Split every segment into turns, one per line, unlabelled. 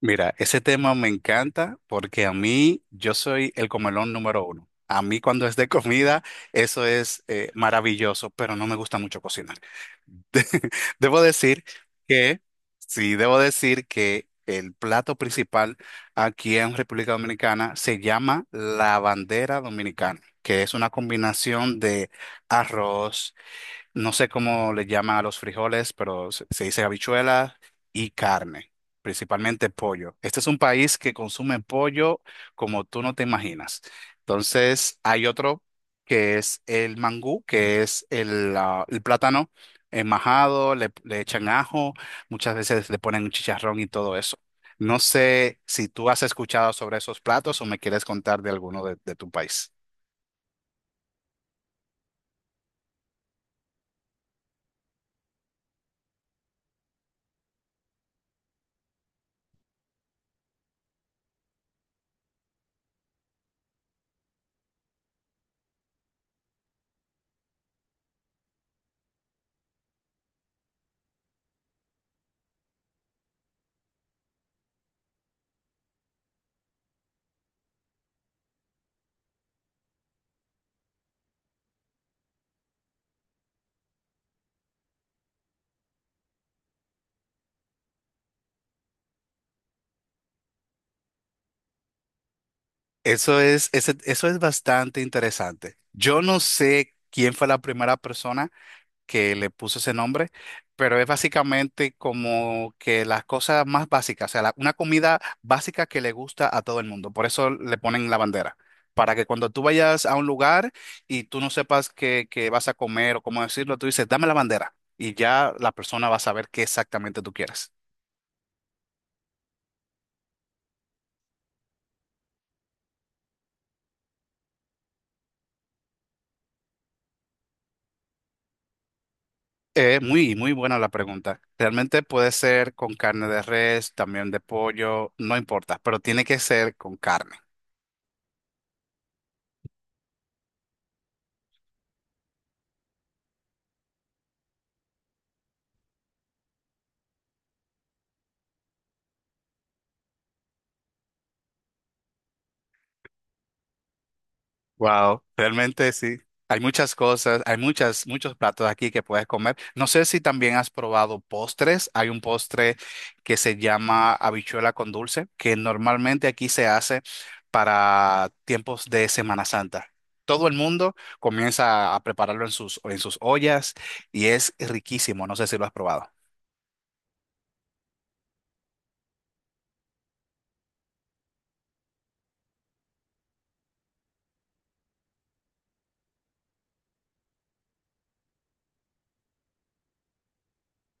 Mira, ese tema me encanta porque a mí yo soy el comelón número uno. A mí cuando es de comida, eso es maravilloso, pero no me gusta mucho cocinar. De- debo decir que, sí, debo decir que el plato principal aquí en República Dominicana se llama la bandera dominicana, que es una combinación de arroz. No sé cómo le llaman a los frijoles, pero se dice habichuela y carne, principalmente pollo. Este es un país que consume pollo como tú no te imaginas. Entonces, hay otro que es el mangú, que es el plátano majado, le echan ajo, muchas veces le ponen un chicharrón y todo eso. No sé si tú has escuchado sobre esos platos o me quieres contar de alguno de tu país. Eso es, eso es bastante interesante. Yo no sé quién fue la primera persona que le puso ese nombre, pero es básicamente como que las cosas más básicas, o sea, una comida básica que le gusta a todo el mundo. Por eso le ponen la bandera, para que cuando tú vayas a un lugar y tú no sepas qué, qué vas a comer o cómo decirlo, tú dices, dame la bandera y ya la persona va a saber qué exactamente tú quieres. Muy, muy buena la pregunta. Realmente puede ser con carne de res, también de pollo, no importa, pero tiene que ser con carne. Wow, realmente sí. Hay muchas cosas, hay muchas, muchos platos aquí que puedes comer. No sé si también has probado postres. Hay un postre que se llama habichuela con dulce, que normalmente aquí se hace para tiempos de Semana Santa. Todo el mundo comienza a prepararlo en en sus ollas y es riquísimo. No sé si lo has probado.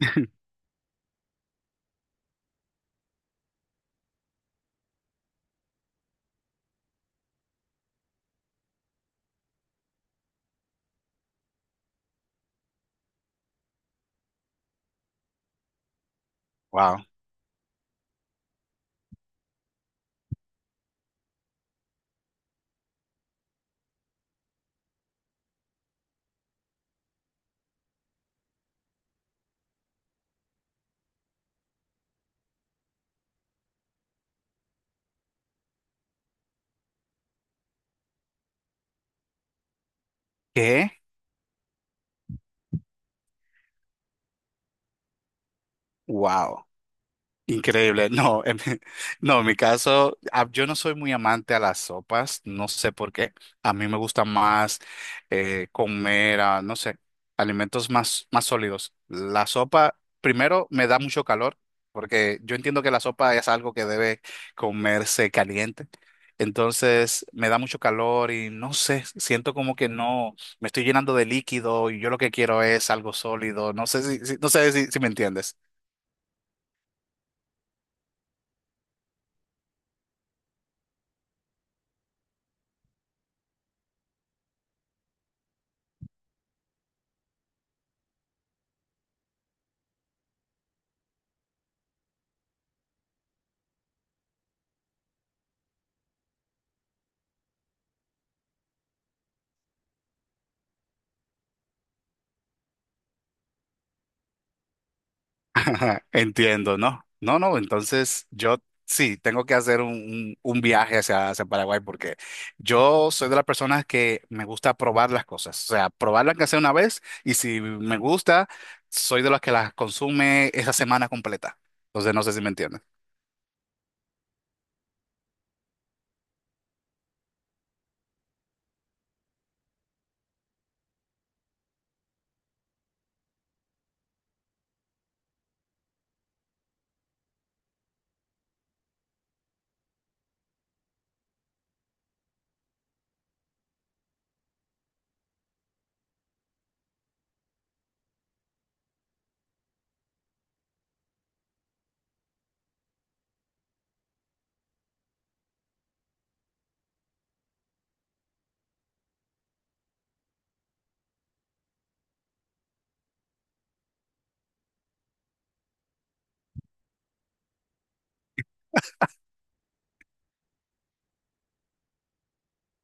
Wow. ¿Qué? Wow. Increíble. No, en mi caso, yo no soy muy amante a las sopas, no sé por qué. A mí me gusta más comer, no sé, alimentos más, más sólidos. La sopa, primero, me da mucho calor, porque yo entiendo que la sopa es algo que debe comerse caliente. Entonces, me da mucho calor y no sé, siento como que no, me estoy llenando de líquido y yo lo que quiero es algo sólido. No sé no sé si me entiendes. Ajá, entiendo, ¿no? No, no, entonces yo sí, tengo que hacer un viaje hacia Paraguay porque yo soy de las personas que me gusta probar las cosas, o sea, probarlas que sea una vez y si me gusta, soy de las que las consume esa semana completa. Entonces no sé si me entienden.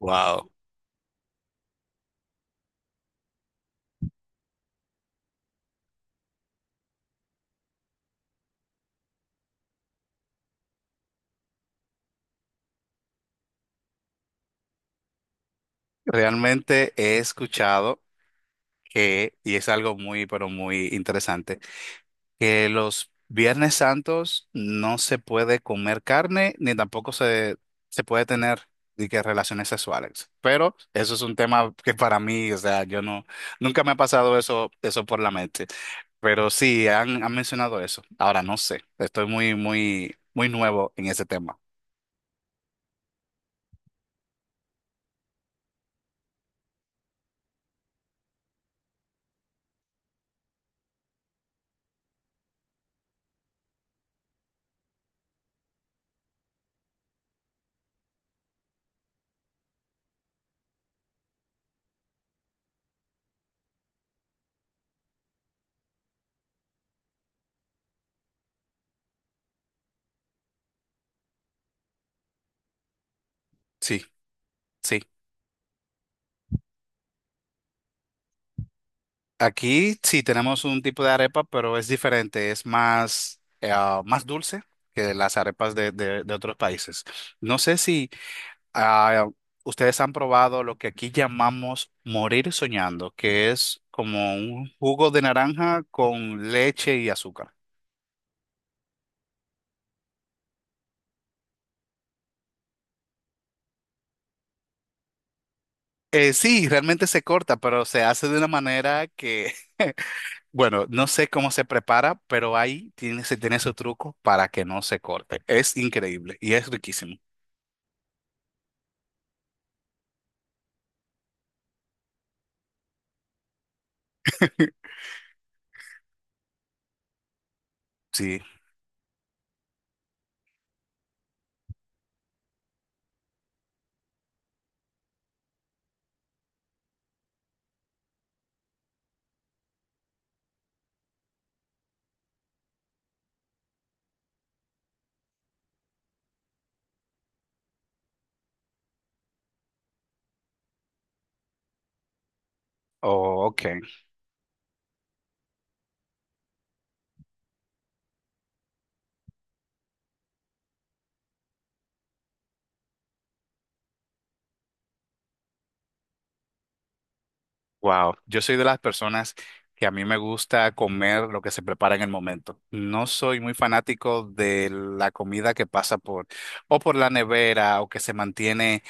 Wow. Realmente he escuchado que, y es algo muy, pero muy interesante, que los Viernes Santos no se puede comer carne ni tampoco se puede tener ni que relaciones sexuales. Pero eso es un tema que para mí, o sea, yo no, nunca me ha pasado eso, eso por la mente. Pero sí, han mencionado eso. Ahora no sé, estoy muy, muy, muy nuevo en ese tema. Sí, sí. Aquí sí tenemos un tipo de arepa, pero es diferente, es más, más dulce que las arepas de otros países. No sé si Ah, ustedes han probado lo que aquí llamamos morir soñando, que es como un jugo de naranja con leche y azúcar. Sí, realmente se corta, pero se hace de una manera que, bueno, no sé cómo se prepara, pero ahí tiene, se tiene su truco para que no se corte. Es increíble y es riquísimo. Sí. Oh, ok. Wow, yo soy de las personas que a mí me gusta comer lo que se prepara en el momento. No soy muy fanático de la comida que pasa por o por la nevera o que se mantiene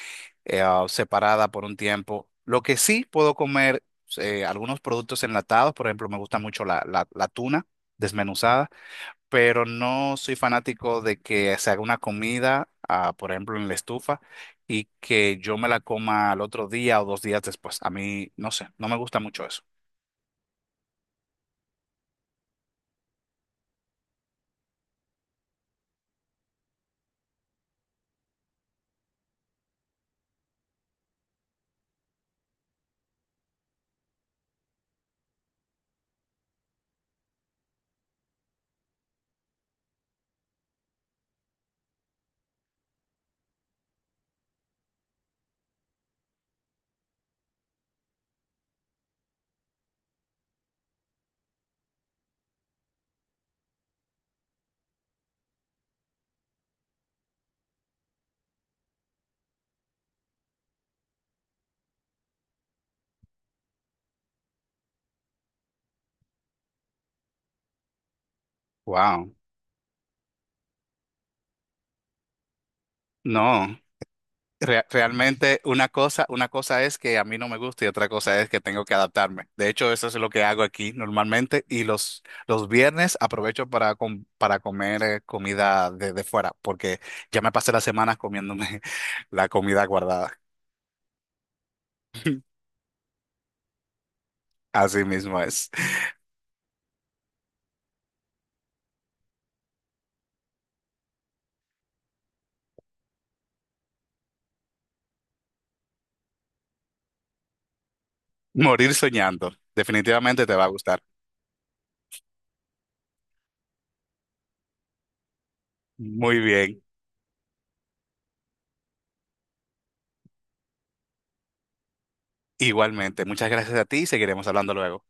separada por un tiempo. Lo que sí puedo comer algunos productos enlatados, por ejemplo, me gusta mucho la tuna desmenuzada, pero no soy fanático de que se haga una comida, por ejemplo, en la estufa y que yo me la coma al otro día o dos días después. A mí, no sé, no me gusta mucho eso. Wow. No, realmente una cosa es que a mí no me gusta y otra cosa es que tengo que adaptarme. De hecho, eso es lo que hago aquí normalmente y los viernes aprovecho para, para comer comida de fuera porque ya me pasé las semanas comiéndome la comida guardada. Así mismo es. Morir soñando. Definitivamente te va a gustar. Muy bien. Igualmente. Muchas gracias a ti y seguiremos hablando luego.